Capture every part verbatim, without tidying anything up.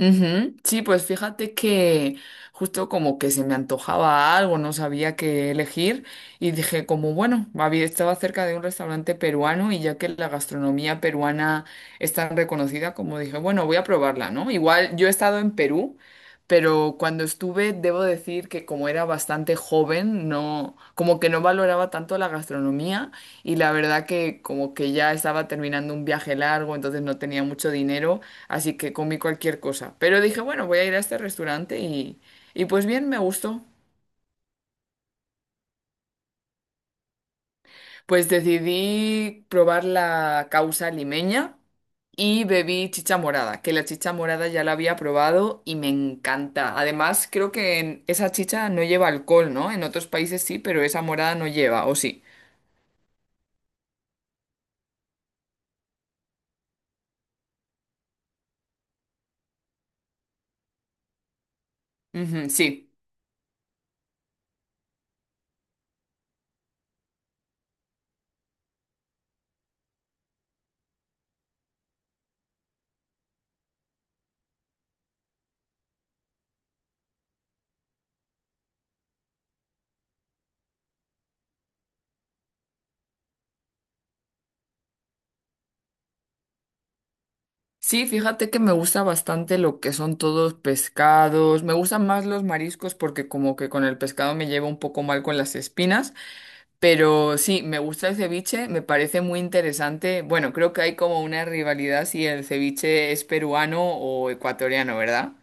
Ujú. Sí, pues fíjate que justo como que se me antojaba algo, no sabía qué elegir y dije como bueno, había, estaba cerca de un restaurante peruano y ya que la gastronomía peruana es tan reconocida, como dije, bueno, voy a probarla, ¿no? Igual yo he estado en Perú, pero cuando estuve, debo decir que como era bastante joven, no, como que no valoraba tanto la gastronomía y la verdad que como que ya estaba terminando un viaje largo, entonces no tenía mucho dinero. Así que comí cualquier cosa. Pero dije, bueno, voy a ir a este restaurante y, y pues bien, me gustó. Pues decidí probar la causa limeña y bebí chicha morada, que la chicha morada ya la había probado y me encanta. Además, creo que en- esa chicha no lleva alcohol, ¿no? En otros países sí, pero esa morada no lleva, ¿o sí? Ujú, sí. Sí, fíjate que me gusta bastante lo que son todos pescados. Me gustan más los mariscos porque como que con el pescado me llevo un poco mal con las espinas. Pero sí, me gusta el ceviche, me parece muy interesante. Bueno, creo que hay como una rivalidad si el ceviche es peruano o ecuatoriano, ¿verdad?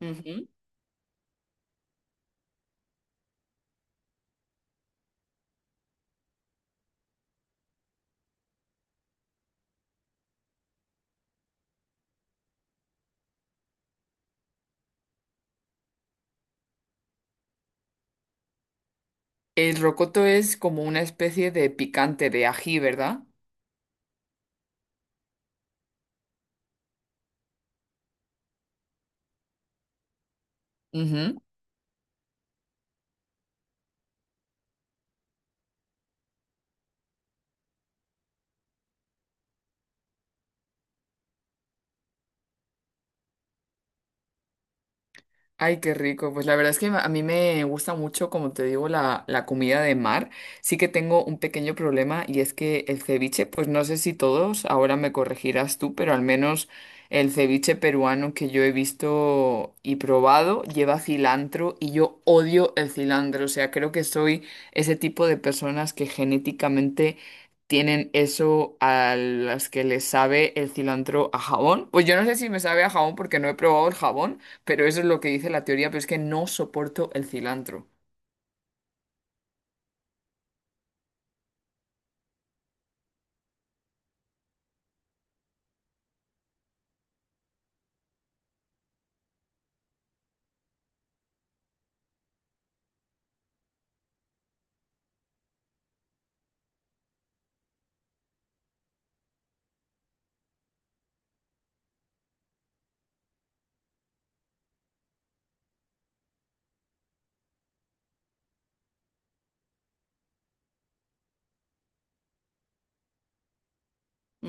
Ujú. El rocoto es como una especie de picante de ají, ¿verdad? Ujú. Ay, qué rico. Pues la verdad es que a mí me gusta mucho, como te digo, la, la comida de mar. Sí que tengo un pequeño problema y es que el ceviche, pues no sé si todos, ahora me corregirás tú, pero al menos el ceviche peruano que yo he visto y probado lleva cilantro y yo odio el cilantro. O sea, creo que soy ese tipo de personas que genéticamente tienen eso a las que les sabe el cilantro a jabón. Pues yo no sé si me sabe a jabón porque no he probado el jabón. Pero eso es lo que dice la teoría, pero es que no soporto el cilantro.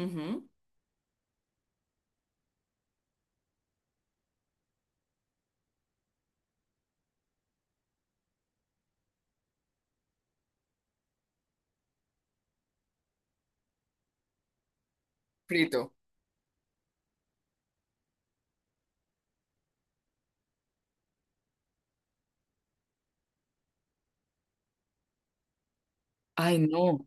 Ujú. Frito. Ay, no,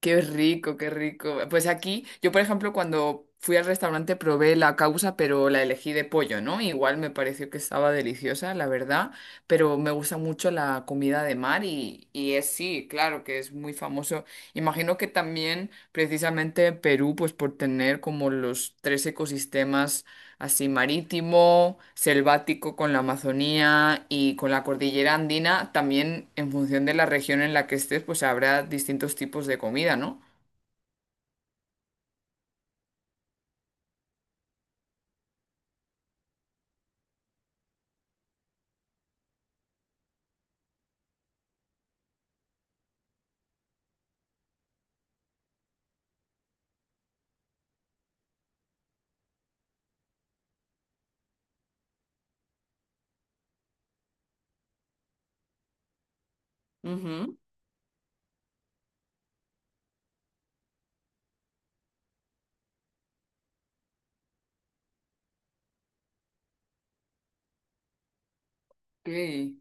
qué rico, qué rico. Pues aquí, yo por ejemplo, cuando fui al restaurante probé la causa, pero la elegí de pollo, ¿no? Igual me pareció que estaba deliciosa, la verdad, pero me gusta mucho la comida de mar y, y es sí, claro que es muy famoso. Imagino que también precisamente Perú, pues por tener como los tres ecosistemas así marítimo, selvático con la Amazonía y con la cordillera andina, también en función de la región en la que estés, pues habrá distintos tipos de comida, ¿no? Ujú, ok.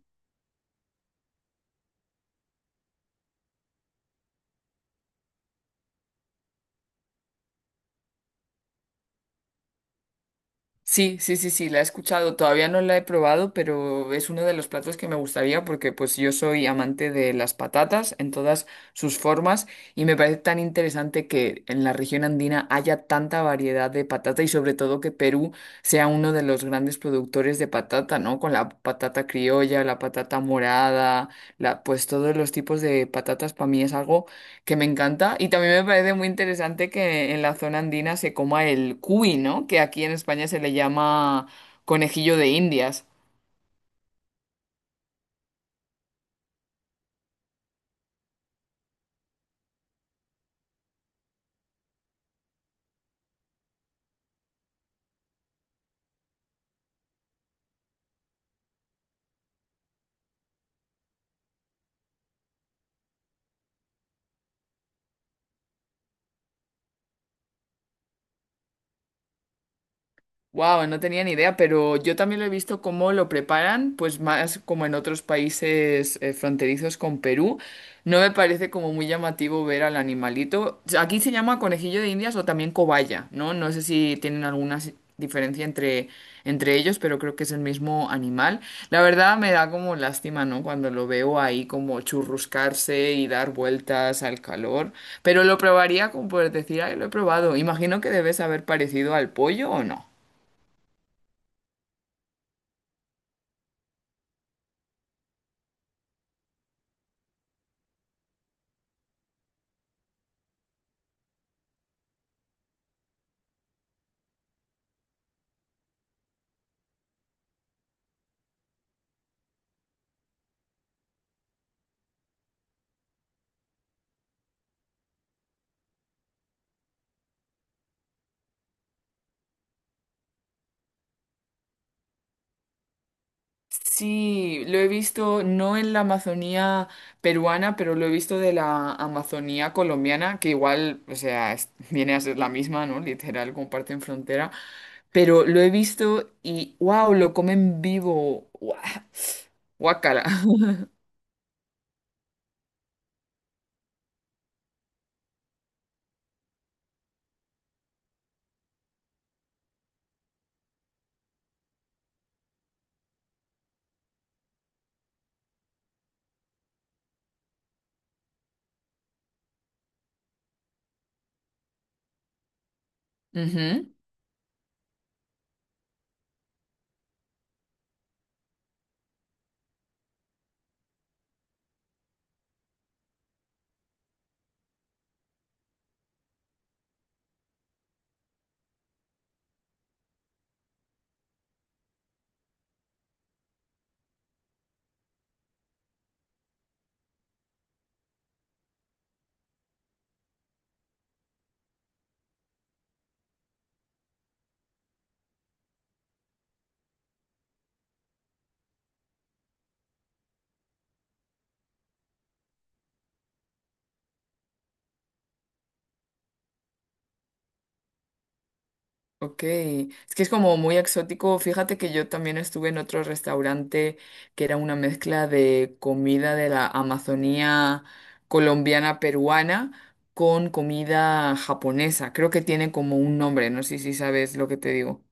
Sí, sí, sí, sí, la he escuchado, todavía no la he probado, pero es uno de los platos que me gustaría porque pues yo soy amante de las patatas en todas sus formas y me parece tan interesante que en la región andina haya tanta variedad de patata y sobre todo que Perú sea uno de los grandes productores de patata, ¿no? Con la patata criolla, la patata morada, la pues todos los tipos de patatas para mí es algo que me encanta. Y también me parece muy interesante que en la zona andina se coma el cuy, ¿no? Que aquí en España se le llama conejillo de Indias. Wow, no tenía ni idea, pero yo también lo he visto cómo lo preparan, pues más como en otros países eh, fronterizos con Perú. No me parece como muy llamativo ver al animalito. O sea, aquí se llama conejillo de Indias o también cobaya, ¿no? No sé si tienen alguna si- diferencia entre, entre ellos, pero creo que es el mismo animal. La verdad me da como lástima, ¿no? Cuando lo veo ahí como churruscarse y dar vueltas al calor, pero lo probaría como por decir, ay, lo he probado. Imagino que debes haber parecido al pollo o no. Sí, lo he visto no en la Amazonía peruana, pero lo he visto de la Amazonía colombiana, que igual, o sea, es- viene a ser la misma, ¿no? Literal, comparten frontera. Pero lo he visto y, wow, lo comen vivo. Guau, guácala. Ujú. Ok, es que es como muy exótico. Fíjate que yo también estuve en otro restaurante que era una mezcla de comida de la Amazonía colombiana peruana con comida japonesa. Creo que tiene como un nombre, no sé si sabes lo que te digo.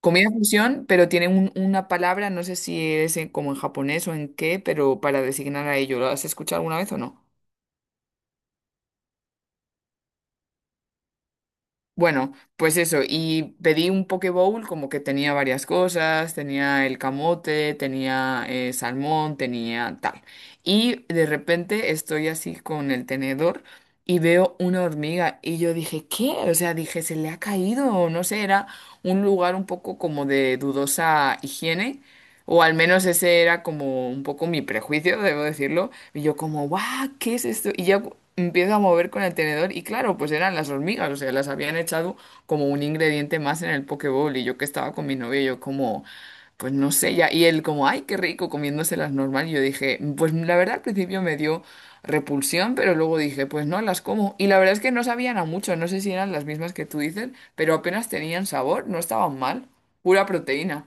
Comida fusión, pero tiene un- una palabra, no sé si es en- como en japonés o en qué, pero para designar a ello. ¿Lo has escuchado alguna vez o no? Bueno, pues eso, y pedí un poke bowl como que tenía varias cosas, tenía el camote, tenía eh, salmón, tenía tal. Y de repente estoy así con el tenedor y veo una hormiga y yo dije, ¿qué? O sea, dije, se le ha caído, o no sé, era un lugar un poco como de dudosa higiene. O al menos ese era como un poco mi prejuicio, debo decirlo. Y yo como, guau, ¿qué es esto? Y ya cu- empiezo a mover con el tenedor y claro, pues eran las hormigas, o sea, las habían echado como un ingrediente más en el poke bowl. Y yo que estaba con mi novio, yo como, pues no sé, ya. Y él como, ay, qué rico, comiéndoselas normal. Y yo dije, pues la verdad al principio me dio repulsión, pero luego dije, pues no, las como. Y la verdad es que no sabían a mucho, no sé si eran las mismas que tú dices, pero apenas tenían sabor, no estaban mal, pura proteína.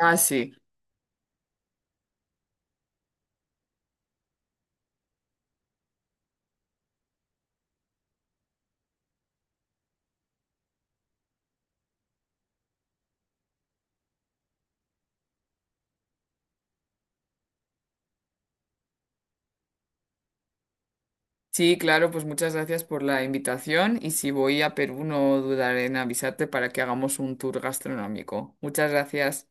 Ah, sí. Sí, claro, pues muchas gracias por la invitación y si voy a Perú no dudaré en avisarte para que hagamos un tour gastronómico. Muchas gracias.